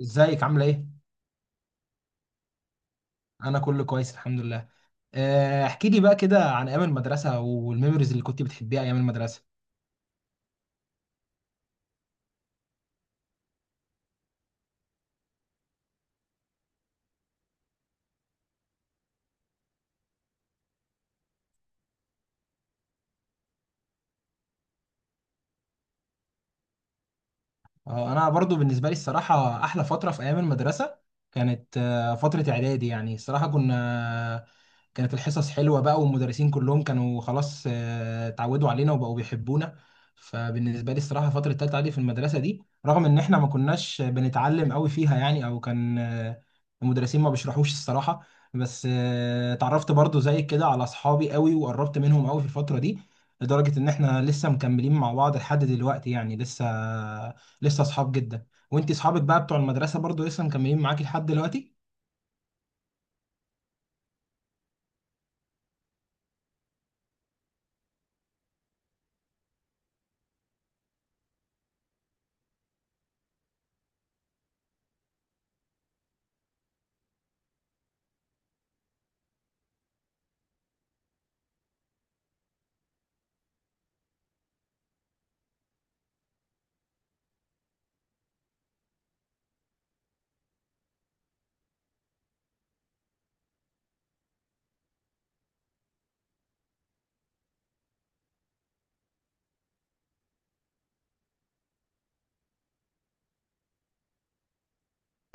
ازيك عامله ايه؟ انا كله كويس، الحمد لله. احكي لي بقى كده عن ايام المدرسه والميموريز اللي كنت بتحبيها ايام المدرسه. اه، انا برضو بالنسبه لي الصراحه احلى فتره في ايام المدرسه كانت فتره اعدادي، يعني الصراحه كنا آه، كانت الحصص حلوه بقى والمدرسين كلهم كانوا خلاص اتعودوا علينا وبقوا بيحبونا. فبالنسبه لي الصراحه فتره تالتة اعدادي في المدرسه دي، رغم ان احنا ما كناش بنتعلم قوي فيها يعني، او كان المدرسين ما بيشرحوش الصراحه، بس اتعرفت برضو زي كده على اصحابي قوي وقربت منهم قوي في الفتره دي، لدرجه ان احنا لسه مكملين مع بعض لحد دلوقتي، يعني لسه اصحاب جدا. وانت اصحابك بقى بتوع المدرسه برضو لسه مكملين معاكي لحد دلوقتي؟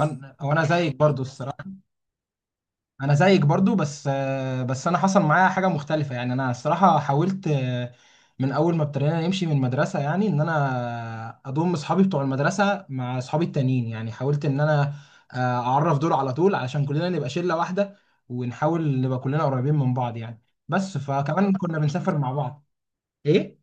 انا زيك برضو الصراحه، انا زيك برضو، بس انا حصل معايا حاجه مختلفه، يعني انا الصراحه حاولت من اول ما ابتدينا نمشي من المدرسه، يعني ان انا اضم اصحابي بتوع المدرسه مع اصحابي التانيين، يعني حاولت ان انا اعرف دول على طول علشان كلنا نبقى شله واحده، ونحاول نبقى كلنا قريبين من بعض يعني. بس فكمان كنا بنسافر مع بعض. ايه.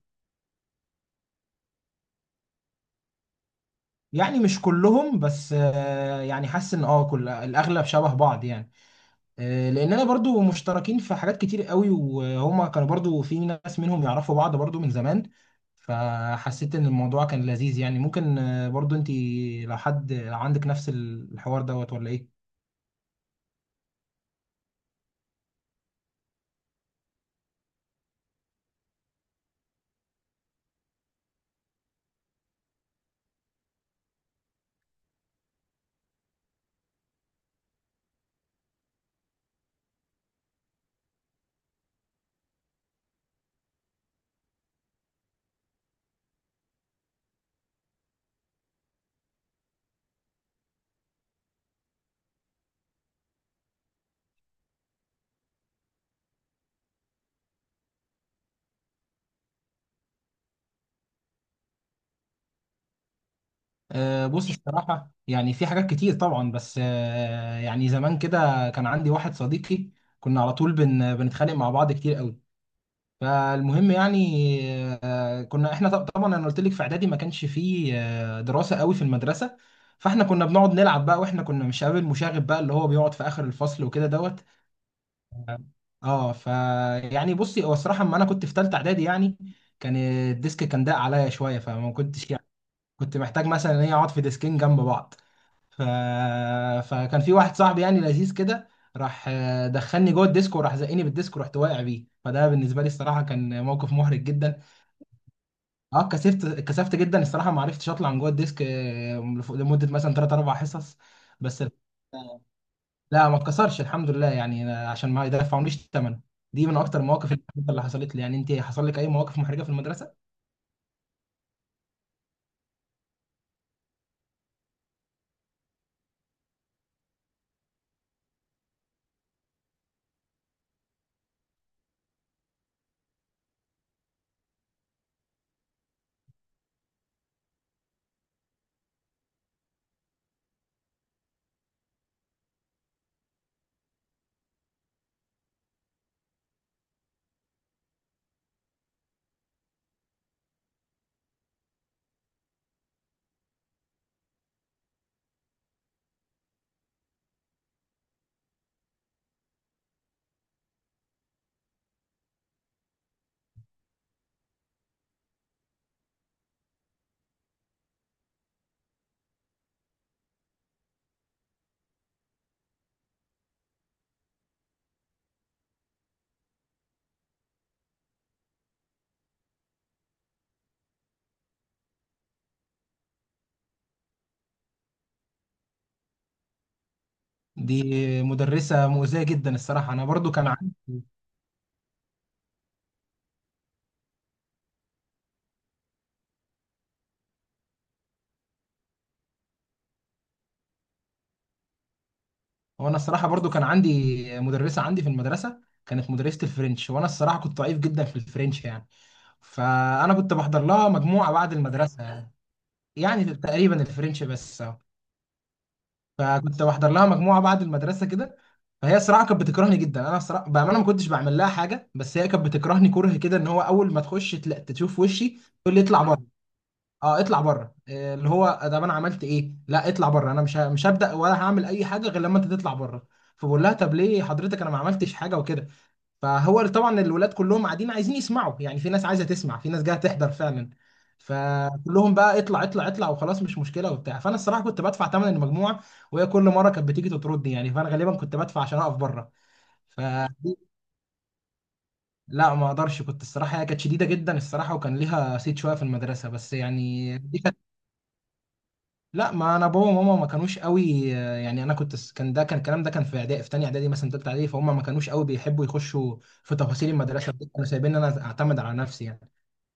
يعني مش كلهم بس يعني حاسس ان كل الاغلب شبه بعض يعني. لاننا برضو مشتركين في حاجات كتير قوي، وهما كانوا برضو في ناس منهم يعرفوا بعض برضو من زمان. فحسيت ان الموضوع كان لذيذ يعني. ممكن برضو انت، لو عندك نفس الحوار دوت ولا ايه؟ بص الصراحة يعني في حاجات كتير طبعا، بس يعني زمان كده كان عندي واحد صديقي، كنا على طول بنتخانق مع بعض كتير قوي. فالمهم يعني كنا احنا طبعا انا قلت لك في اعدادي ما كانش فيه دراسه قوي في المدرسه، فاحنا كنا بنقعد نلعب بقى، واحنا كنا مش قابل مشاغب بقى، اللي هو بيقعد في اخر الفصل وكده دوت. اه ف يعني بصي، هو الصراحه اما انا كنت في ثالثه اعدادي يعني، الديسك كان ضاق عليا شويه، فما كنتش يعني، كنت محتاج مثلا ان انا اقعد في ديسكين جنب بعض. ف... فكان في واحد صاحبي يعني لذيذ كده، راح دخلني جوه الديسك وراح زقني بالديسك، ورحت واقع بيه. فده بالنسبه لي الصراحه كان موقف محرج جدا. اه، كسفت، كسفت جدا الصراحه، ما عرفتش اطلع من جوه الديسك لمده مثلا 3 4 حصص. بس. لا، ما اتكسرش الحمد لله يعني، عشان ما يدفعونيش الثمن. دي من اكتر المواقف المحرجة اللي حصلت لي يعني. انت حصل لك اي مواقف محرجه في المدرسه؟ دي مدرسه مؤذيه جدا الصراحه. انا برضو كان عندي، هو انا الصراحه برضو كان عندي مدرسه عندي في المدرسه، كانت مدرسه الفرنش، وانا الصراحه كنت ضعيف جدا في الفرنش يعني، فانا كنت بحضر لها مجموعه بعد المدرسه يعني. يعني تقريبا الفرنش بس أهو. فكنت بحضر لها مجموعه بعد المدرسه كده. فهي الصراحه كانت بتكرهني جدا. انا الصراحه بامانه ما كنتش بعمل لها حاجه، بس هي كانت بتكرهني كره كده، ان هو اول ما تخش تشوف وشي تقول لي اطلع بره. اه، اطلع بره، إيه اللي هو ده؟ انا عملت ايه؟ لا اطلع بره، انا مش هبدا ولا هعمل اي حاجه غير لما انت تطلع بره. فبقول لها، طب ليه حضرتك؟ انا ما عملتش حاجه وكده. فهو طبعا الولاد كلهم قاعدين عايزين يسمعوا، يعني في ناس عايزه تسمع، في ناس جايه تحضر فعلا. فكلهم بقى، اطلع اطلع اطلع وخلاص مش مشكله وبتاع. فانا الصراحه كنت بدفع ثمن المجموعه، وهي كل مره كانت بتيجي تطردني يعني، فانا غالبا كنت بدفع عشان اقف بره. ف لا، ما اقدرش، كنت الصراحه، هي كانت شديده جدا الصراحه، وكان ليها صيت شويه في المدرسه، بس يعني دي كانت. لا، ما انا بابا وماما ما كانوش قوي يعني انا كنت كان ده، كان الكلام ده كان في اعدادي، في تانية اعدادي مثلا تالتة اعدادي، فهم ما كانوش قوي بيحبوا يخشوا في تفاصيل المدرسه دي، كانوا سايبين انا اعتمد على نفسي يعني.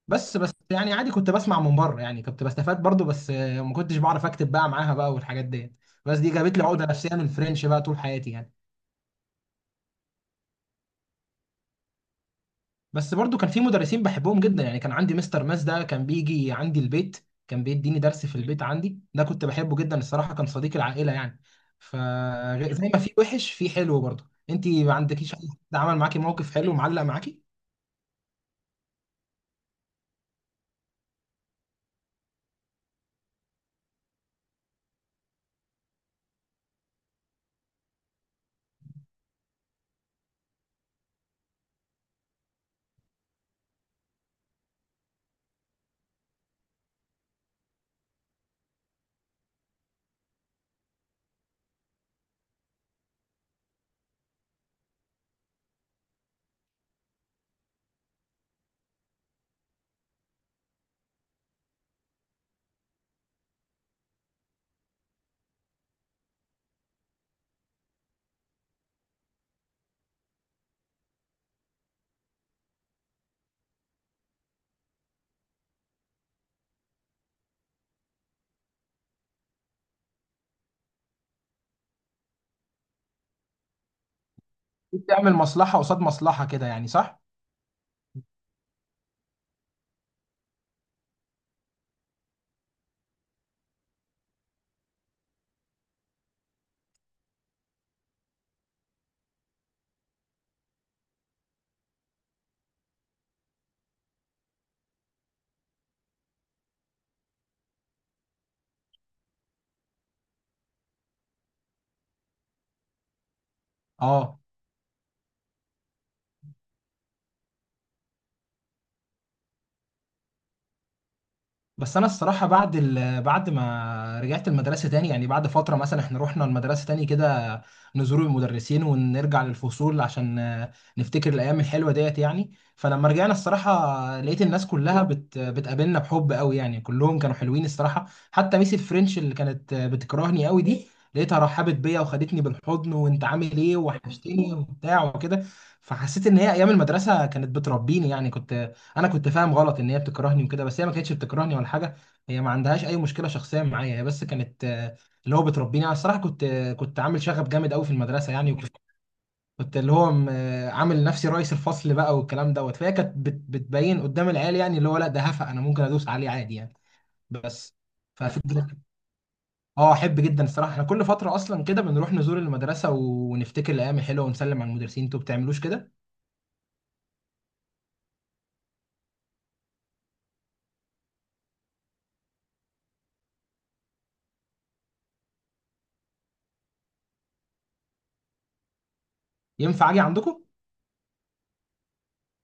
بس يعني عادي، كنت بسمع من بره يعني، كنت بستفاد برضو، بس ما كنتش بعرف اكتب بقى معاها بقى والحاجات دي. بس دي جابت لي عقده نفسيه من الفرنش بقى طول حياتي يعني. بس برضو كان في مدرسين بحبهم جدا يعني، كان عندي مستر ماس ده كان بيجي عندي البيت، كان بيديني درس في البيت عندي، ده كنت بحبه جدا الصراحة، كان صديق العائلة يعني. فزي ما في وحش في حلو برضو. انت ما عندكيش حد عمل معاكي موقف حلو معلق معاكي؟ بتعمل مصلحة قصاد مصلحة كده يعني، صح؟ اه. بس انا الصراحه بعد ما رجعت المدرسه تاني، يعني بعد فتره مثلا، احنا رحنا المدرسه تاني كده نزور المدرسين ونرجع للفصول عشان نفتكر الايام الحلوه ديت يعني. فلما رجعنا الصراحه لقيت الناس كلها بتقابلنا بحب قوي يعني، كلهم كانوا حلوين الصراحه، حتى ميس الفرنش اللي كانت بتكرهني قوي دي، لقيتها رحبت بيا وخدتني بالحضن، وانت عامل ايه، وحشتني، وبتاع وكده. فحسيت ان هي ايام المدرسه كانت بتربيني يعني. انا كنت فاهم غلط ان هي بتكرهني وكده، بس هي ما كانتش بتكرهني ولا حاجه، هي ما عندهاش اي مشكله شخصيه معايا، هي بس كانت اللي هو بتربيني. انا الصراحه كنت عامل شغب جامد قوي في المدرسه يعني، وكنت اللي هو عامل نفسي رئيس الفصل بقى، والكلام دوت، فهي كانت بتبين قدام العيال يعني، اللي هو لا ده هفا انا ممكن ادوس عليه عادي يعني. بس. ففكرة اه، احب جدا الصراحه، احنا كل فتره اصلا كده بنروح نزور المدرسه ونفتكر الايام الحلوه ونسلم على المدرسين. انتوا بتعملوش كده؟ ينفع اجي عندكم؟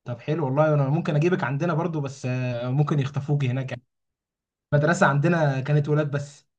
طب حلو والله، انا ممكن اجيبك عندنا برضو، بس ممكن يخطفوك هناك يعني، المدرسه عندنا كانت ولاد بس.